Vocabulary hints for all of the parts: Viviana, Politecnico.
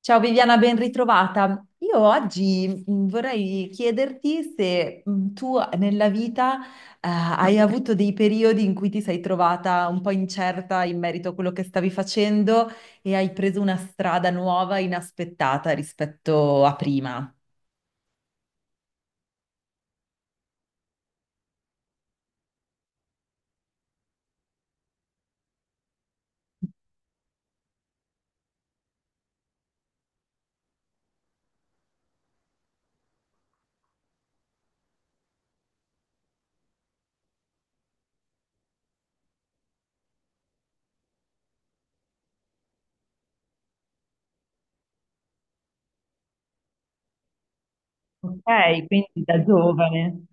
Ciao Viviana, ben ritrovata. Io oggi vorrei chiederti se tu nella vita hai avuto dei periodi in cui ti sei trovata un po' incerta in merito a quello che stavi facendo e hai preso una strada nuova, inaspettata rispetto a prima. Ok, quindi da giovane.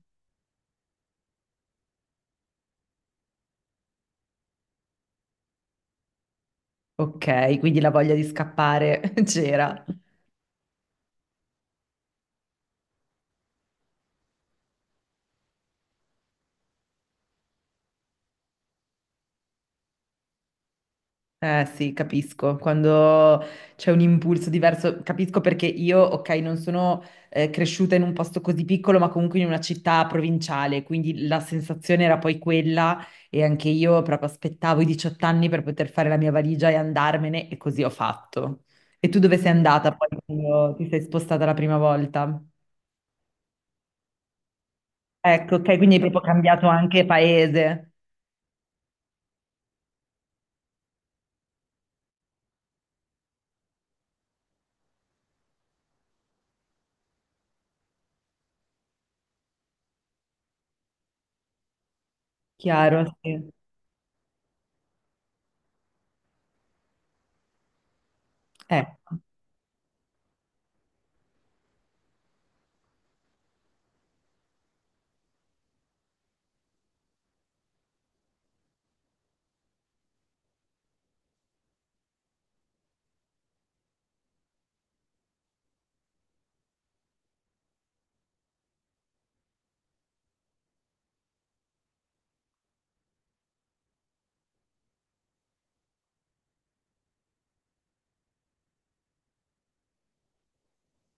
Ok, quindi la voglia di scappare c'era. Eh sì, capisco, quando c'è un impulso diverso, capisco perché io, ok, non sono cresciuta in un posto così piccolo, ma comunque in una città provinciale, quindi la sensazione era poi quella e anche io proprio aspettavo i 18 anni per poter fare la mia valigia e andarmene e così ho fatto. E tu dove sei andata poi quando ti sei spostata la prima volta? Ecco, ok, quindi hai proprio cambiato anche paese, chiaro, sì. Ecco.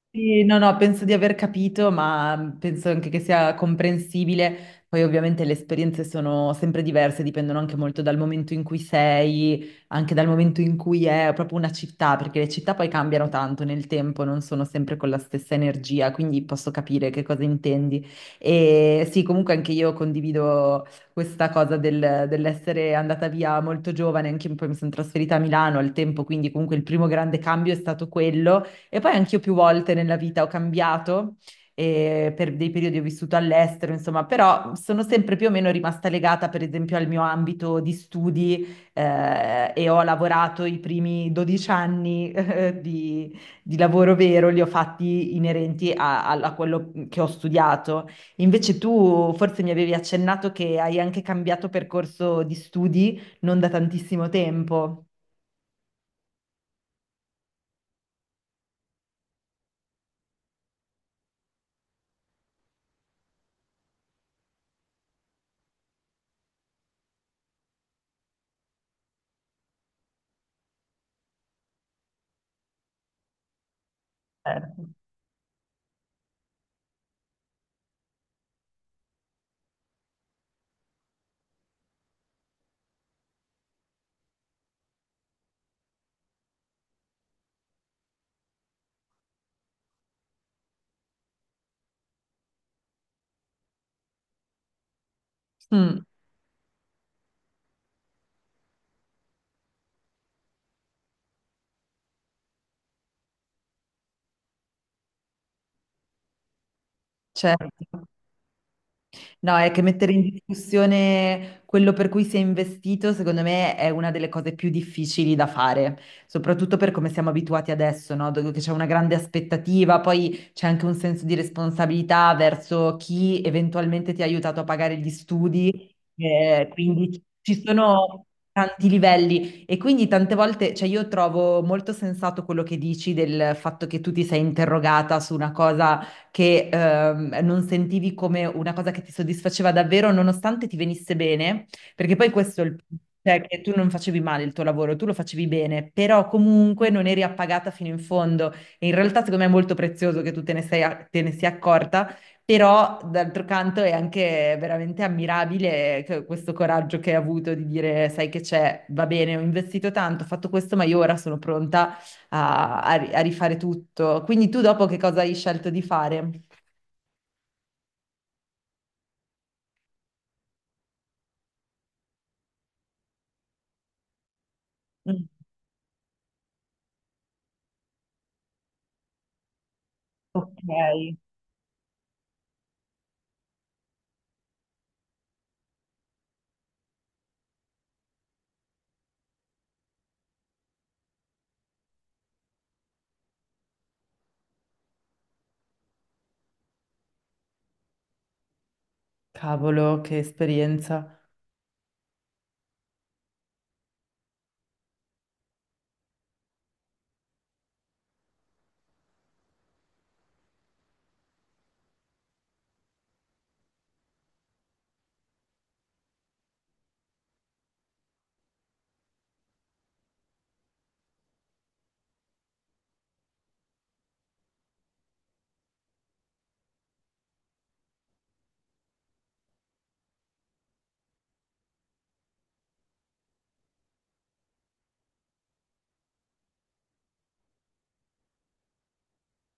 Sì, no, no, penso di aver capito, ma penso anche che sia comprensibile. Poi ovviamente le esperienze sono sempre diverse, dipendono anche molto dal momento in cui sei, anche dal momento in cui è proprio una città, perché le città poi cambiano tanto nel tempo, non sono sempre con la stessa energia, quindi posso capire che cosa intendi. E sì, comunque anche io condivido questa cosa dell'essere andata via molto giovane, anche poi mi sono trasferita a Milano al tempo, quindi comunque il primo grande cambio è stato quello. E poi anch'io più volte nella vita ho cambiato, e per dei periodi ho vissuto all'estero, insomma, però sono sempre più o meno rimasta legata, per esempio, al mio ambito di studi, e ho lavorato i primi 12 anni, di lavoro vero, li ho fatti inerenti a, a quello che ho studiato. Invece tu forse mi avevi accennato che hai anche cambiato percorso di studi non da tantissimo tempo. Certo. Mm, certo. No, è che mettere in discussione quello per cui si è investito, secondo me, è una delle cose più difficili da fare, soprattutto per come siamo abituati adesso, no? Dove che c'è una grande aspettativa, poi c'è anche un senso di responsabilità verso chi eventualmente ti ha aiutato a pagare gli studi, quindi ci sono tanti livelli e quindi tante volte, cioè io trovo molto sensato quello che dici del fatto che tu ti sei interrogata su una cosa che non sentivi come una cosa che ti soddisfaceva davvero, nonostante ti venisse bene, perché poi questo è il cioè che tu non facevi male il tuo lavoro, tu lo facevi bene, però comunque non eri appagata fino in fondo. E in realtà, secondo me, è molto prezioso che tu te ne sei, te ne sia accorta, però d'altro canto è anche veramente ammirabile questo coraggio che hai avuto di dire, sai che c'è, va bene, ho investito tanto, ho fatto questo, ma io ora sono pronta a, a rifare tutto. Quindi tu dopo che cosa hai scelto di fare? Mm. Ok, cavolo, che esperienza.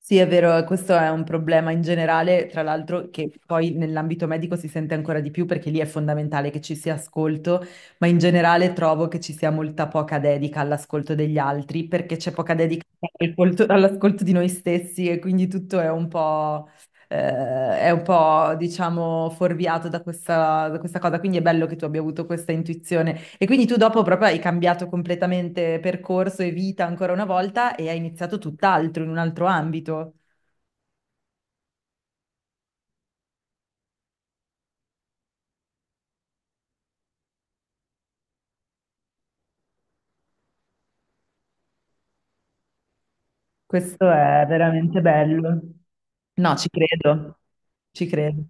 Sì, è vero, questo è un problema in generale, tra l'altro che poi nell'ambito medico si sente ancora di più perché lì è fondamentale che ci sia ascolto, ma in generale trovo che ci sia molta poca dedica all'ascolto degli altri perché c'è poca dedica all'ascolto di noi stessi e quindi tutto eh, è un po', diciamo, fuorviato da questa cosa. Quindi è bello che tu abbia avuto questa intuizione. E quindi tu dopo proprio hai cambiato completamente percorso e vita ancora una volta e hai iniziato tutt'altro, in un altro ambito. Questo è veramente bello. No, ci credo, ci credo.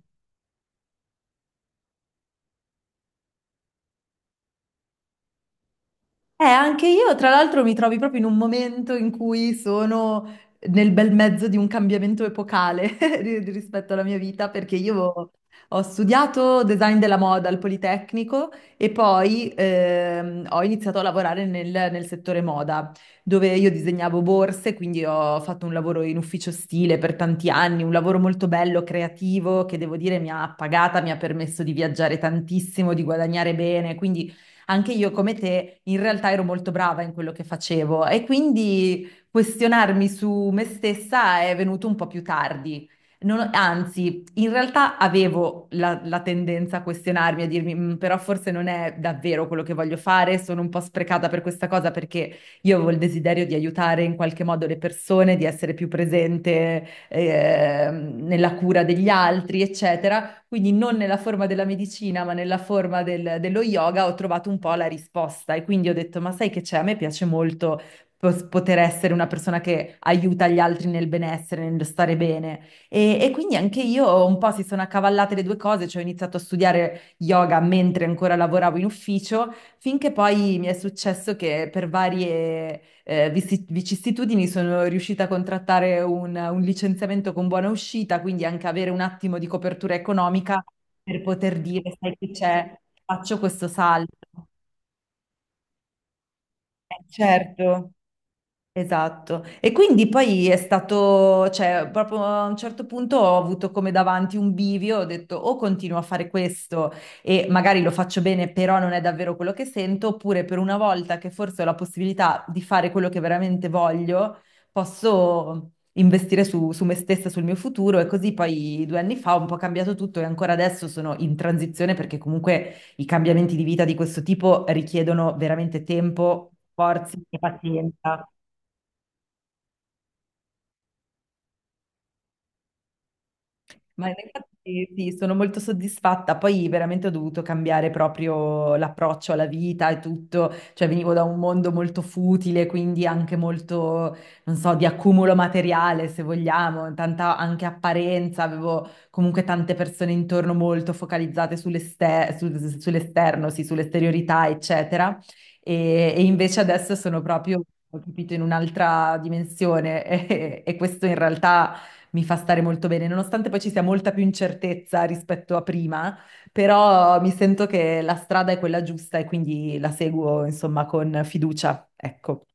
Anche io, tra l'altro, mi trovi proprio in un momento in cui sono nel bel mezzo di un cambiamento epocale rispetto alla mia vita, perché io ho studiato design della moda al Politecnico e poi ho iniziato a lavorare nel settore moda, dove io disegnavo borse, quindi ho fatto un lavoro in ufficio stile per tanti anni, un lavoro molto bello, creativo, che devo dire mi ha pagata, mi ha permesso di viaggiare tantissimo, di guadagnare bene, quindi anche io come te in realtà ero molto brava in quello che facevo e quindi questionarmi su me stessa è venuto un po' più tardi. Non- anzi, in realtà avevo la tendenza a questionarmi, a dirmi, "Mm, però forse non è davvero quello che voglio fare, sono un po' sprecata per questa cosa perché io avevo il desiderio di aiutare in qualche modo le persone, di essere più presente, nella cura degli altri, eccetera, quindi non nella forma della medicina, ma nella forma dello yoga, ho trovato un po' la risposta e quindi ho detto, ma sai che c'è? A me piace molto poter essere una persona che aiuta gli altri nel benessere, nello stare bene. E quindi anche io un po' si sono accavallate le due cose, cioè ho iniziato a studiare yoga mentre ancora lavoravo in ufficio, finché poi mi è successo che per varie vicissitudini sono riuscita a contrattare un licenziamento con buona uscita, quindi anche avere un attimo di copertura economica per poter dire, sai che c'è, faccio questo salto. Certo. Esatto. E quindi poi è stato, cioè, proprio a un certo punto ho avuto come davanti un bivio, ho detto o continuo a fare questo e magari lo faccio bene, però non è davvero quello che sento, oppure per una volta che forse ho la possibilità di fare quello che veramente voglio, posso investire su me stessa, sul mio futuro e così poi due anni fa ho un po' cambiato tutto e ancora adesso sono in transizione perché comunque i cambiamenti di vita di questo tipo richiedono veramente tempo, forze e pazienza. Ma infatti sì, sono molto soddisfatta. Poi veramente ho dovuto cambiare proprio l'approccio alla vita e tutto. Cioè venivo da un mondo molto futile, quindi anche molto, non so, di accumulo materiale, se vogliamo, tanta anche apparenza. Avevo comunque tante persone intorno molto focalizzate sull'esterno, sì, sull'esteriorità, eccetera. E invece adesso sono proprio, ho capito, in un'altra dimensione e questo in realtà mi fa stare molto bene, nonostante poi ci sia molta più incertezza rispetto a prima, però mi sento che la strada è quella giusta e quindi la seguo, insomma, con fiducia, ecco.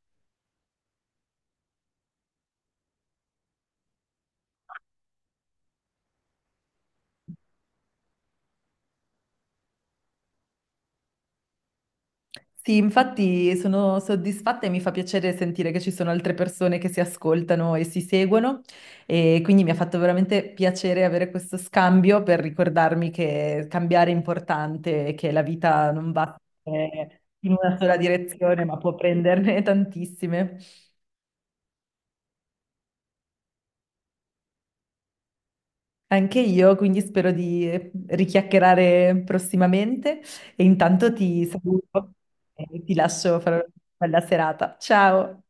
Sì, infatti sono soddisfatta e mi fa piacere sentire che ci sono altre persone che si ascoltano e si seguono e quindi mi ha fatto veramente piacere avere questo scambio per ricordarmi che cambiare è importante e che la vita non va sempre in una sola direzione, ma può prenderne tantissime. Anche io, quindi spero di richiacchierare prossimamente e intanto ti saluto e ti lascio fare una bella serata. Ciao!